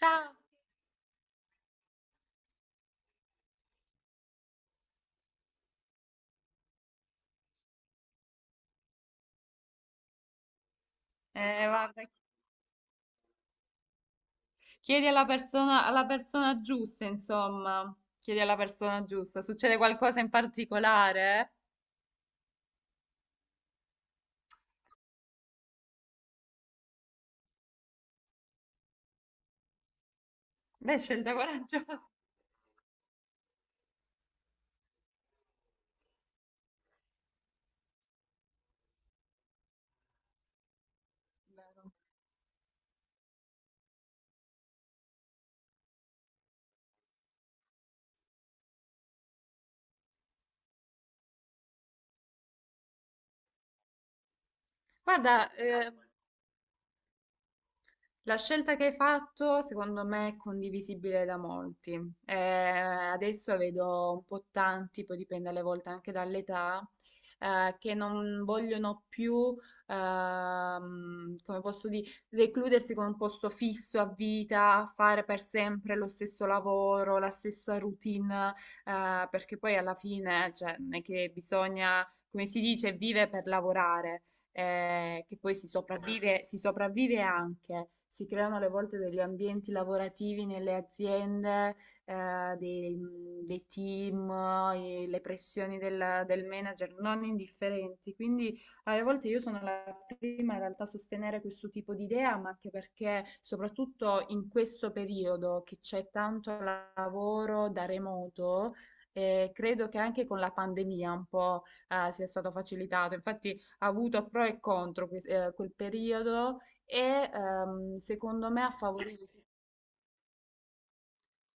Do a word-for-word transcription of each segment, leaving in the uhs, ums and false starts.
Ciao. Eh, guarda, chiedi alla persona, alla persona giusta, insomma. Chiedi alla persona giusta. Succede qualcosa in particolare? Beh, scelta coraggiosa. Guarda, eh, la scelta che hai fatto, secondo me, è condivisibile da molti. Eh, adesso vedo un po' tanti, poi dipende alle volte anche dall'età, eh, che non vogliono più, ehm, come posso dire, recludersi con un posto fisso a vita, fare per sempre lo stesso lavoro, la stessa routine, eh, perché poi alla fine, cioè, non è che bisogna, come si dice, vive per lavorare eh, che poi si sopravvive, si sopravvive anche. Si creano alle volte degli ambienti lavorativi nelle aziende, eh, dei, dei team, eh, le pressioni del, del manager non indifferenti. Quindi alle volte io sono la prima in realtà a sostenere questo tipo di idea, ma anche perché soprattutto in questo periodo che c'è tanto lavoro da remoto, eh, credo che anche con la pandemia un po' eh, sia stato facilitato. Infatti ha avuto pro e contro que- eh, quel periodo e ehm, secondo me ha favorito.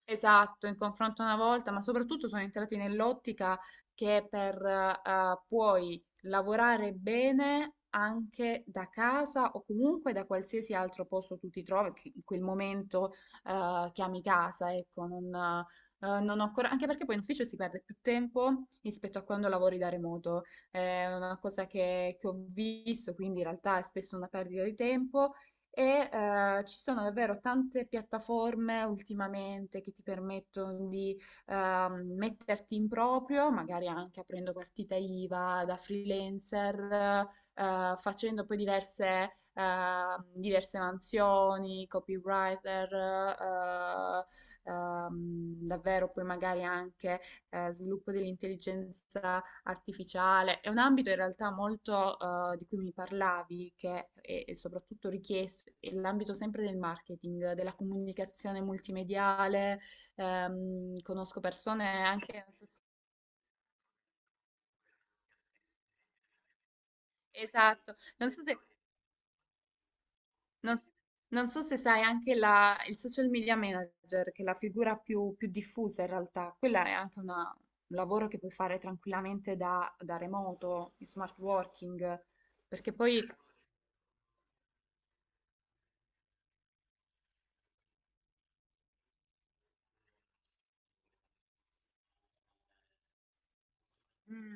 Esatto, in confronto una volta, ma soprattutto sono entrati nell'ottica che per eh, puoi lavorare bene anche da casa o comunque da qualsiasi altro posto tu ti trovi, che in quel momento eh, chiami casa, ecco, non, eh, non ho ancora, anche perché poi in ufficio si perde più tempo rispetto a quando lavori da remoto. È una cosa che, che ho visto, quindi in realtà è spesso una perdita di tempo e eh, ci sono davvero tante piattaforme ultimamente che ti permettono di ehm, metterti in proprio, magari anche aprendo partita I V A da freelancer, eh, facendo poi diverse, ehm, diverse mansioni, copywriter, eh, ehm, davvero poi magari anche eh, sviluppo dell'intelligenza artificiale. È un ambito in realtà molto eh, di cui mi parlavi, che è, è soprattutto richiesto, è l'ambito sempre del marketing, della comunicazione multimediale. Ehm, conosco persone anche... non so- Esatto, non so se... non- non so se sai anche la- il social media manager, che è la figura più, più diffusa in realtà, quella è anche una- un lavoro che puoi fare tranquillamente da, da remoto, in smart working, perché poi... mm,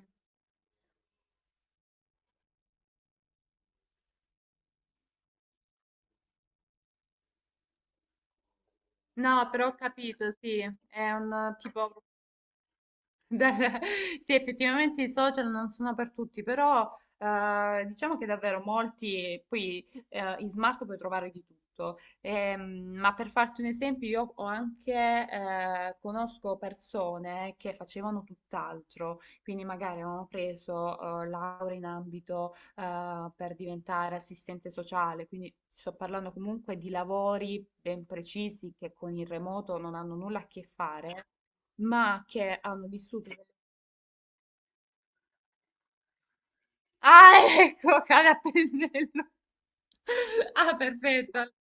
no, però ho capito, sì, è un eh, tipo dal- Sì, effettivamente i social non sono per tutti, però eh, diciamo che davvero molti, poi eh, in smart puoi trovare di tutto. Ehm, ma per farti un esempio, io ho anche, eh, conosco persone che facevano tutt'altro, quindi magari avevano preso eh, laurea in ambito eh, per diventare assistente sociale, quindi sto parlando comunque di lavori ben precisi che con il remoto non hanno nulla a che fare ma che hanno vissuto... Ah, ecco, cara pennello. Ah, perfetto.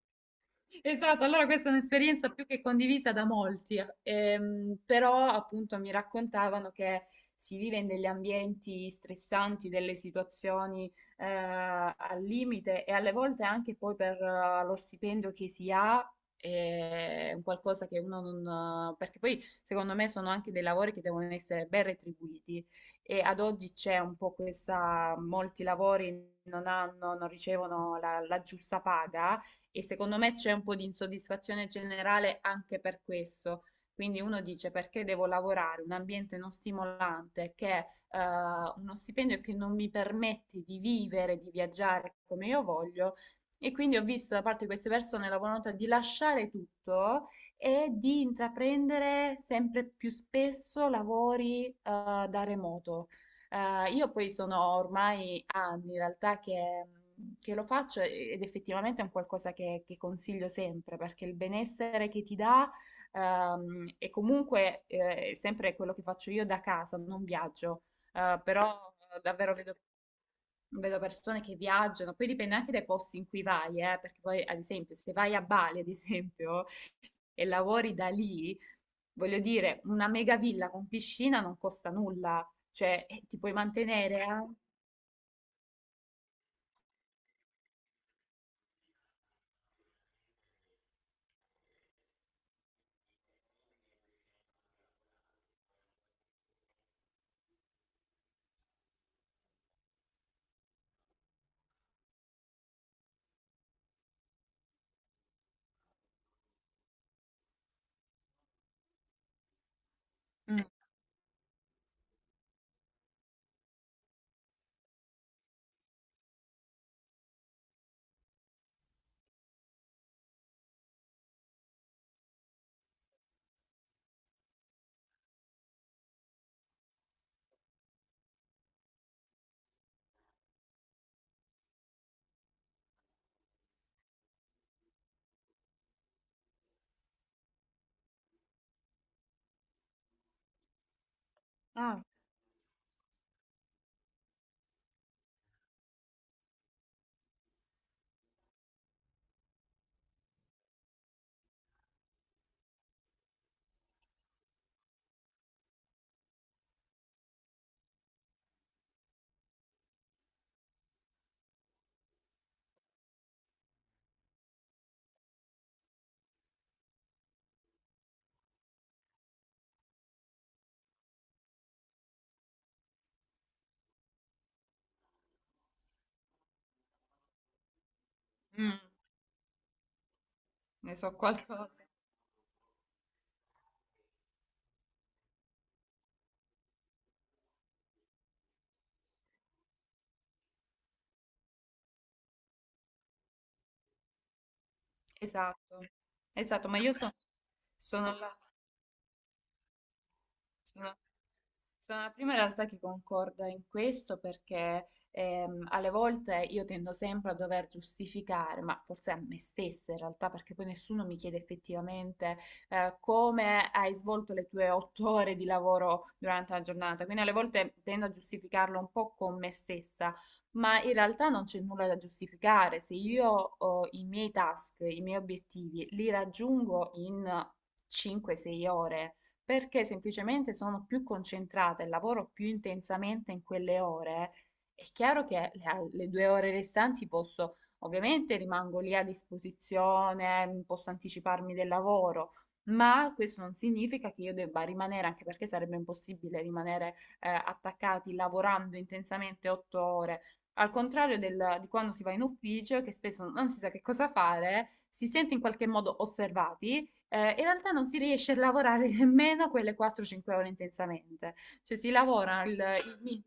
Esatto, allora questa è un'esperienza più che condivisa da molti, ehm, però appunto mi raccontavano che si vive in degli ambienti stressanti, delle situazioni eh, al limite e alle volte anche poi per eh, lo stipendio che si ha, eh, è un qualcosa che uno non... perché poi secondo me sono anche dei lavori che devono essere ben retribuiti e ad oggi c'è un po' questa, molti lavori non hanno, non ricevono la la giusta paga e secondo me c'è un po' di insoddisfazione generale anche per questo. Quindi uno dice perché devo lavorare un ambiente non stimolante, che è eh, uno stipendio che non mi permette di vivere, di viaggiare come io voglio. E quindi ho visto da parte di queste persone la volontà di lasciare tutto e di intraprendere sempre più spesso lavori eh, da remoto. Eh, io poi sono ormai anni in realtà che, che lo faccio ed effettivamente è un qualcosa che, che consiglio sempre perché il benessere che ti dà ehm, è comunque eh, sempre quello che faccio io da casa, non viaggio, eh, però davvero vedo vedo persone che viaggiano, poi dipende anche dai posti in cui vai, eh, perché poi ad esempio se vai a Bali, ad esempio, e lavori da lì, voglio dire, una mega villa con piscina non costa nulla, cioè eh, ti puoi mantenere, eh? Mm. Ah, mm, ne so qualcosa. Esatto, esatto, ma io sono, sono là. Sono la prima in realtà che concorda in questo perché ehm, alle volte io tendo sempre a dover giustificare, ma forse a me stessa in realtà, perché poi nessuno mi chiede effettivamente eh, come hai svolto le tue otto ore di lavoro durante la giornata. Quindi alle volte tendo a giustificarlo un po' con me stessa, ma in realtà non c'è nulla da giustificare. Se io ho i miei task, i miei obiettivi, li raggiungo in cinque sei ore perché semplicemente sono più concentrata e lavoro più intensamente in quelle ore, è chiaro che le, al- le due ore restanti posso, ovviamente rimango lì a disposizione, mm, posso anticiparmi del lavoro, ma questo non significa che io debba rimanere, anche perché sarebbe impossibile rimanere eh, attaccati lavorando intensamente otto ore. Al contrario del- di quando si va in ufficio, che spesso non si sa che cosa fare, si sente in qualche modo osservati, eh, in realtà non si riesce a lavorare nemmeno quelle quattro cinque ore intensamente, cioè si lavora il, il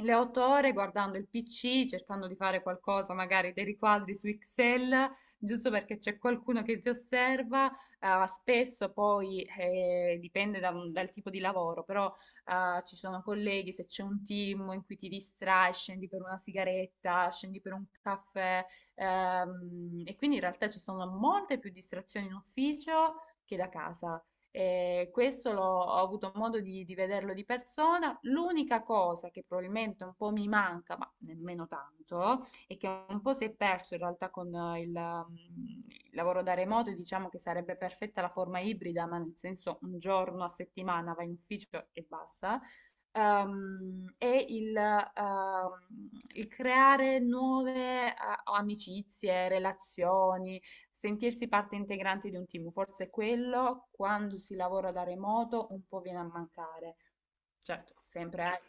le otto ore guardando il P C, cercando di fare qualcosa, magari dei riquadri su Excel, giusto perché c'è qualcuno che ti osserva. eh, spesso poi eh, dipende da un- dal tipo di lavoro, però eh, ci sono colleghi, se c'è un team in cui ti distrai, scendi per una sigaretta, scendi per un caffè, ehm, e quindi in realtà ci sono molte più distrazioni in ufficio che da casa. Eh, questo l'ho, ho avuto modo di, di vederlo di persona. L'unica cosa che probabilmente un po' mi manca, ma nemmeno tanto, e che un po' si è perso in realtà con eh, il, ehm, il lavoro da remoto, e diciamo che sarebbe perfetta la forma ibrida, ma nel senso un giorno a settimana vai in ufficio e basta. ehm, è il, ehm, il creare nuove eh, amicizie, relazioni, sentirsi parte integrante di un team, forse quello quando si lavora da remoto un po' viene a mancare. Certo, sempre hai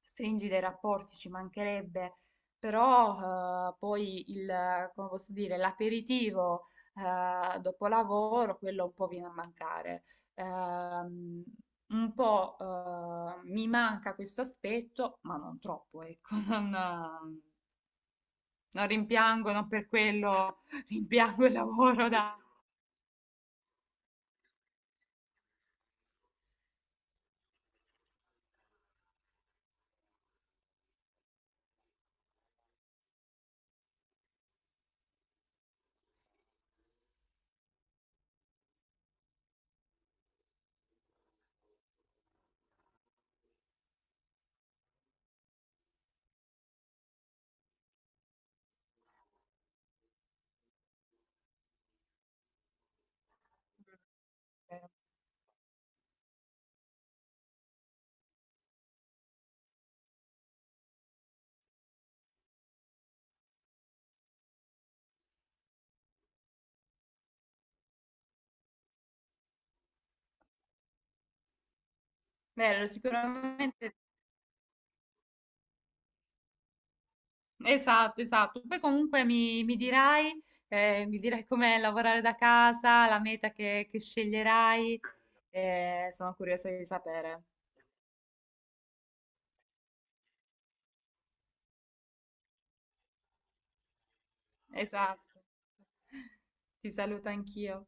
stringi dei rapporti, ci mancherebbe, però eh, poi il, come posso dire, l'aperitivo eh, dopo lavoro, quello un po' viene a mancare. Ehm, un po' eh, mi manca questo aspetto, ma non troppo, ecco, non, non rimpiango, non per quello rimpiango il lavoro da. Vero. Vero, sicuramente esatto, esatto. Poi comunque mi, mi dirai, eh, mi dirai com'è lavorare da casa, la meta che, che sceglierai. Eh, sono curiosa di sapere. Esatto. Ti saluto anch'io.